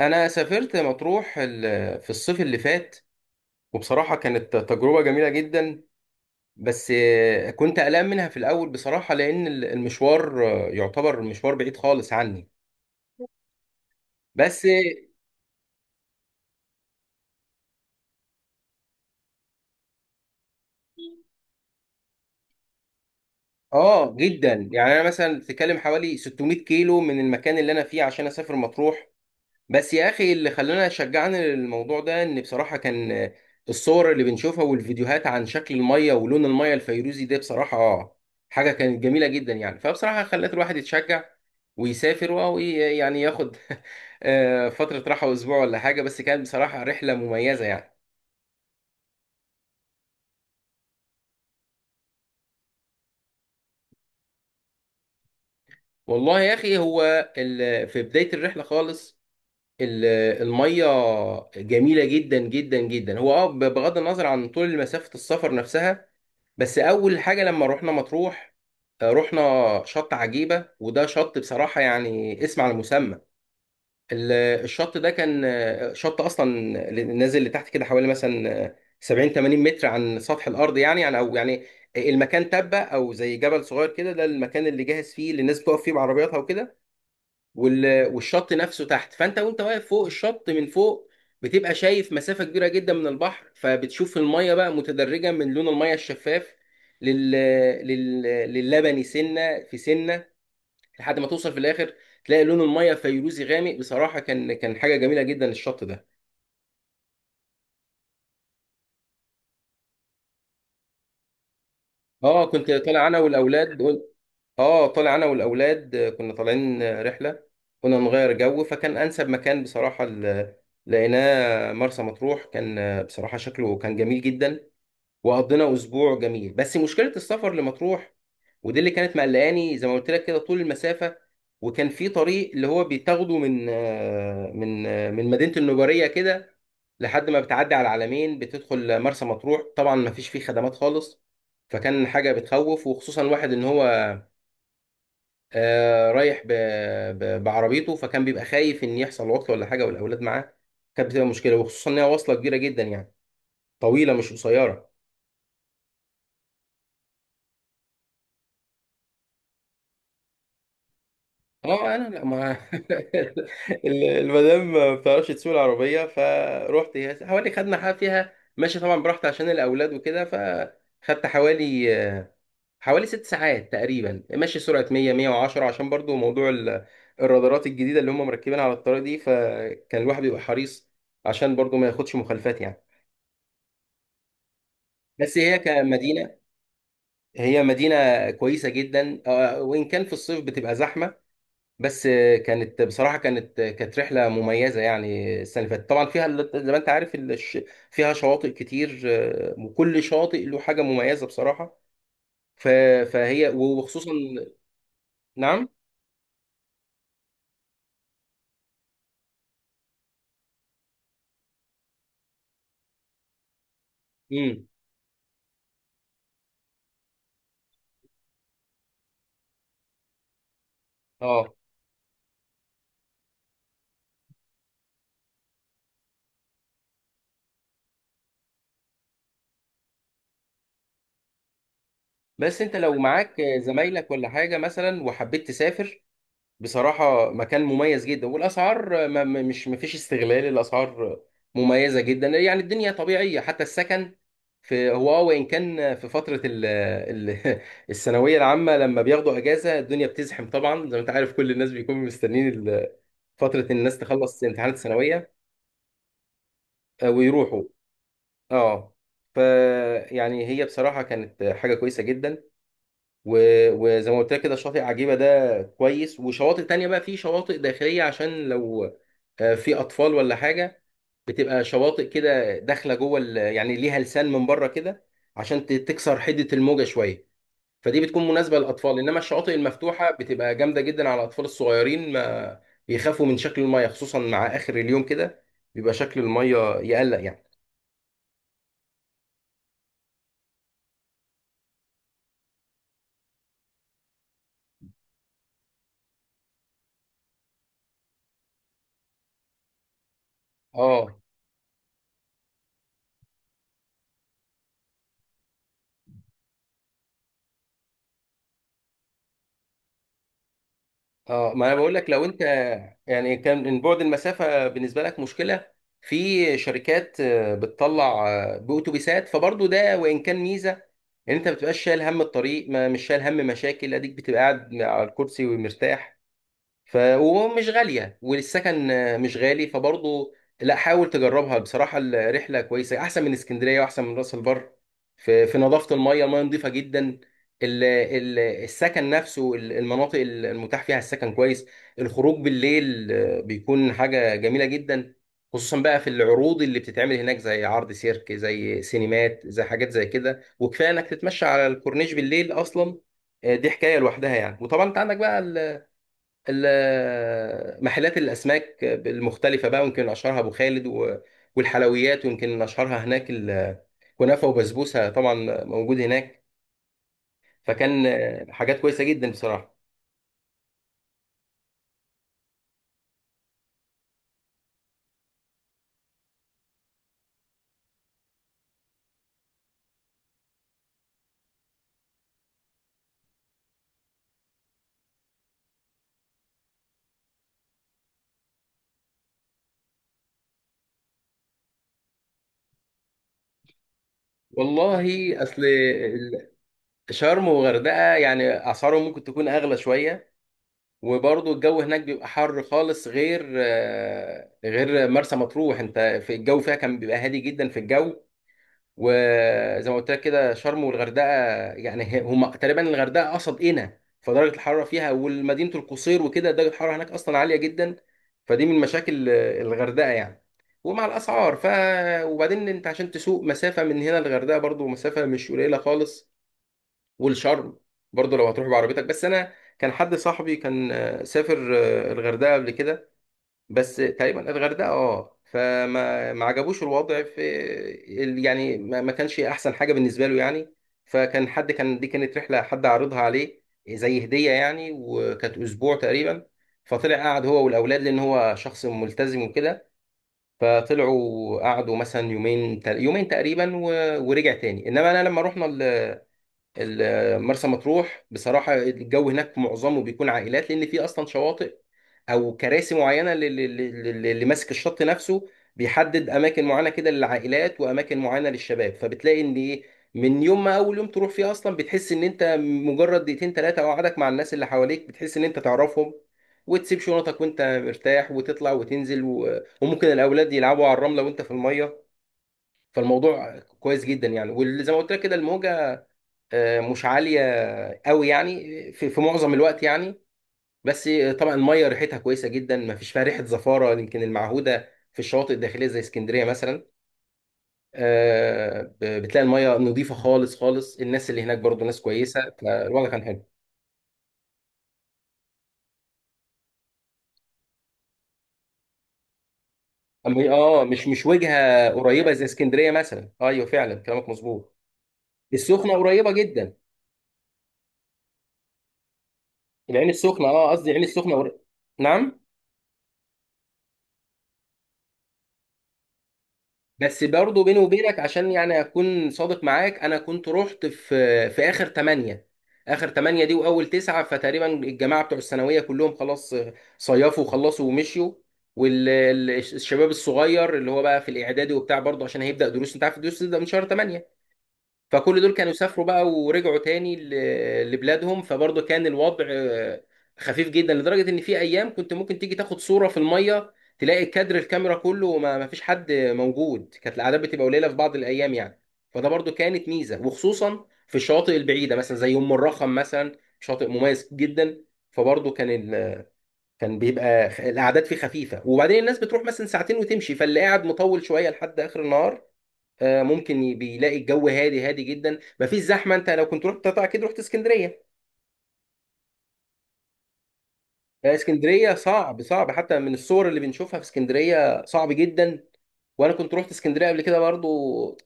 انا سافرت مطروح في الصيف اللي فات، وبصراحه كانت تجربه جميله جدا. بس كنت قلقان منها في الاول بصراحه لان المشوار يعتبر مشوار بعيد خالص عني. بس اه آه، جدا يعني انا مثلا تكلم حوالي 600 كيلو من المكان اللي انا فيه عشان اسافر مطروح. بس يا اخي اللي خلانا شجعنا للموضوع ده ان بصراحه كان، الصور اللي بنشوفها والفيديوهات عن شكل الميه ولون الميه الفيروزي ده بصراحه حاجه كانت جميله جدا يعني، فبصراحه خلت الواحد يتشجع ويسافر ويعني ياخد فتره راحه اسبوع ولا حاجه، بس كانت بصراحه رحله مميزه يعني. والله يا اخي، هو في بدايه الرحله خالص، ال- الميه جميله جدا جدا جدا. هو اه بغض النظر عن طول مسافه السفر نفسها، بس اول حاجه لما رحنا مطروح رحنا شط عجيبه، وده شط بصراحه يعني اسم على المسمى. ال- الشط ده كان شط اصلا نازل لتحت كده حوالي مثلا 70 80 متر عن سطح الارض، يعني او يعني المكان تبه او زي جبل صغير كده، ده المكان اللي جاهز فيه اللي الناس بتقف فيه بعربياتها وكده. والشط نفسه تحت، فانت واقف فوق الشط من فوق بتبقى شايف مسافة كبيرة جدا من البحر، فبتشوف المية بقى متدرجة من لون المية الشفاف لل... لل... للبني سنة في سنة، لحد ما توصل في الآخر تلاقي لون المية فيروزي غامق. بصراحة كان حاجة جميلة جدا الشط ده. اه كنت طالع انا والاولاد، اه طلع انا والاولاد، كنا طالعين رحله كنا نغير جو، فكان انسب مكان بصراحه لقيناه مرسى مطروح. كان بصراحه شكله كان جميل جدا، وقضينا اسبوع جميل. بس مشكله السفر لمطروح، ودي اللي كانت مقلقاني زي ما قلت لك كده، طول المسافه. وكان في طريق اللي هو بيتاخده من من مدينه النجاريه كده لحد ما بتعدي على العلمين بتدخل مرسى مطروح، طبعا ما فيش فيه خدمات خالص. فكان حاجه بتخوف، وخصوصا واحد ان هو رايح بعربيته، فكان بيبقى خايف ان يحصل عطله ولا حاجه والاولاد معاه، كانت بتبقى مشكله. وخصوصا ان هي واصله كبيره جدا يعني، طويله مش قصيره. اه انا لا ما المدام ما بتعرفش تسوق العربيه، فروحت هي حوالي خدنا حاجه فيها ماشي طبعا براحتي عشان الاولاد وكده، فخدت حوالي حوالي ست ساعات تقريبا ماشي سرعه 100 110 عشان برضو موضوع الرادارات الجديده اللي هم مركبين على الطريق دي. فكان الواحد بيبقى حريص عشان برضو ما ياخدش مخالفات يعني. بس هي كمدينة، مدينة كويسة جدا، وإن كان في الصيف بتبقى زحمة. بس كانت بصراحة كانت رحلة مميزة يعني. السنة اللي فاتت طبعا فيها زي ما أنت عارف فيها شواطئ كتير وكل شاطئ له حاجة مميزة بصراحة. ف- فهي وخصوصا، نعم. امم، اه. بس أنت لو معاك زمايلك ولا حاجة مثلا وحبيت تسافر، بصراحة مكان مميز جدا، والأسعار ما ما- مش ما فيش استغلال، الأسعار مميزة جدا يعني، الدنيا طبيعية، حتى السكن. في هو اه وإن كان في فترة ال ال الثانوية العامة لما بياخدوا أجازة الدنيا بتزحم طبعا، زي ما أنت عارف كل الناس بيكونوا مستنين فترة إن الناس تخلص امتحانات الثانوية ويروحوا. اه، ف يعني هي بصراحة كانت حاجة كويسة جدا. وزي ما قلت لك كده شاطئ عجيبة ده كويس، وشواطئ تانية بقى، في شواطئ داخلية عشان لو في أطفال ولا حاجة، بتبقى شواطئ كده داخلة جوه يعني ليها لسان من بره كده عشان تكسر حدة الموجة شوية. فدي بتكون مناسبة للأطفال، إنما الشواطئ المفتوحة بتبقى جامدة جدا على الأطفال الصغيرين، ما بيخافوا من شكل المية خصوصا مع آخر اليوم كده بيبقى شكل المية يقلق يعني. اه، اه ما انا بقول لك، لو انت يعني كان من بعد المسافه بالنسبه لك مشكله، في شركات بتطلع باتوبيسات، فبرضه ده وان كان ميزه ان انت ما بتبقاش شايل هم الطريق، ما مش شايل هم مشاكل، اديك بتبقى قاعد على الكرسي ومرتاح. ف ومش غاليه، والسكن مش غالي، فبرضه لا حاول تجربها بصراحه، الرحله كويسه احسن من اسكندريه واحسن من راس البر في في نظافه الميه، الميه نظيفه جدا، ال ال السكن نفسه المناطق المتاح فيها السكن كويس. الخروج بالليل بيكون حاجه جميله جدا، خصوصا بقى في العروض اللي بتتعمل هناك زي عرض سيرك، زي سينمات، زي حاجات زي كده. وكفايه انك تتمشى على الكورنيش بالليل اصلا، دي حكايه لوحدها يعني. وطبعا انت عندك بقى محلات الاسماك المختلفه بقى، ويمكن اشهرها ابو خالد، والحلويات ويمكن اشهرها هناك كنافه وبسبوسه طبعا موجود هناك. فكان حاجات كويسه جدا بصراحه. والله اصل شرم وغردقه يعني اسعارهم ممكن تكون اغلى شويه، وبرضه الجو هناك بيبقى حر خالص غير غير مرسى مطروح. انت في الجو فيها كان بيبقى هادي جدا في الجو، وزي ما قلت لك كده شرم والغردقه يعني هم تقريبا الغردقه قصد قنا، فدرجه الحراره فيها والمدينه القصير وكده درجه الحراره هناك اصلا عاليه جدا، فدي من مشاكل الغردقه يعني. ومع الاسعار ف، وبعدين انت عشان تسوق مسافه من هنا للغردقه برضو مسافه مش قليله خالص. والشرم برضو لو هتروح بعربيتك، بس انا كان حد صاحبي كان سافر الغردقه قبل كده، بس تقريبا الغردقه اه فما ما عجبوش الوضع في يعني ما كانش احسن حاجه بالنسبه له يعني. فكان حد كان، دي كانت رحله حد عارضها عليه زي هديه يعني، وكانت اسبوع تقريبا، فطلع قعد هو والاولاد لان هو شخص ملتزم وكده، فطلعوا قعدوا مثلا يومين يومين تقريبا ورجع تاني. انما انا لما رحنا مرسى مطروح بصراحة، الجو هناك معظمه بيكون عائلات لأن في أصلا شواطئ أو كراسي معينة اللي ماسك الشط نفسه بيحدد أماكن معينة كده للعائلات وأماكن معينة للشباب، فبتلاقي إن إيه، من يوم ما أول يوم تروح فيه أصلا بتحس إن أنت مجرد دقيقتين تلاتة قعدك مع الناس اللي حواليك بتحس إن أنت تعرفهم، وتسيب شنطك وأنت مرتاح وتطلع وتنزل وممكن الأولاد يلعبوا على الرملة وأنت في المية. فالموضوع كويس جدا يعني، وزي ما قلت لك كده الموجة مش عاليه قوي يعني، في في معظم الوقت يعني. بس طبعا الميه ريحتها كويسه جدا، ما فيش فيها ريحه زفاره يمكن المعهوده في الشواطئ الداخليه زي اسكندريه مثلا. بتلاقي الميه نظيفه خالص خالص، الناس اللي هناك برضو ناس كويسه، فالوضع كان حلو. اما اه مش وجهه قريبه زي اسكندريه مثلا، ايوه فعلا كلامك مظبوط. السخنه قريبه جدا، العين السخنه اه قصدي العين السخنه نعم. بس برضه بيني وبينك عشان يعني اكون صادق معاك، انا كنت رحت في في اخر ثمانية، اخر ثمانية دي واول تسعة، فتقريبا الجماعة بتوع الثانوية كلهم خلاص صيفوا وخلصوا ومشيوا، والشباب الصغير اللي هو بقى في الاعدادي وبتاع برضه عشان هيبدأ دروس، انت عارف الدروس تبدأ من شهر 8، فكل دول كانوا سافروا بقى ورجعوا تاني لبلادهم. فبرضه كان الوضع خفيف جدا، لدرجة ان في ايام كنت ممكن تيجي تاخد صورة في المية تلاقي كادر الكاميرا كله وما ما فيش حد موجود، كانت الاعداد بتبقى قليلة في بعض الايام يعني. فده برضه كانت ميزة، وخصوصا في الشواطئ البعيدة مثلا زي ام الرخم مثلا، شاطئ مميز جدا. فبرضه كان كان بيبقى الاعداد فيه خفيفة، وبعدين الناس بتروح مثلا ساعتين وتمشي، فاللي قاعد مطول شوية لحد اخر النهار بيلاقي الجو هادي جدا مفيش زحمه. انت لو كنت رحت طبعا اكيد رحت اسكندريه اسكندريه صعب حتى من الصور اللي بنشوفها في اسكندريه صعب جدا، وانا كنت رحت اسكندريه قبل كده برضو،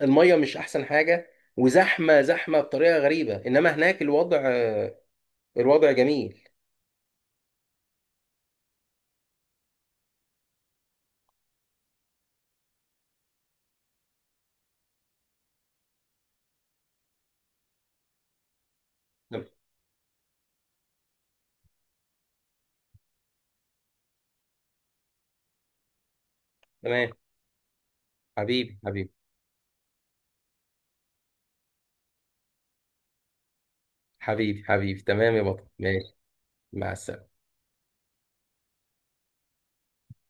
الميه مش احسن حاجه، وزحمه بطريقه غريبه، انما هناك الوضع الوضع جميل. تمام. حبيبي حبيبي حبيبي حبيبي تمام يا بطل، ماشي. مع السلامه.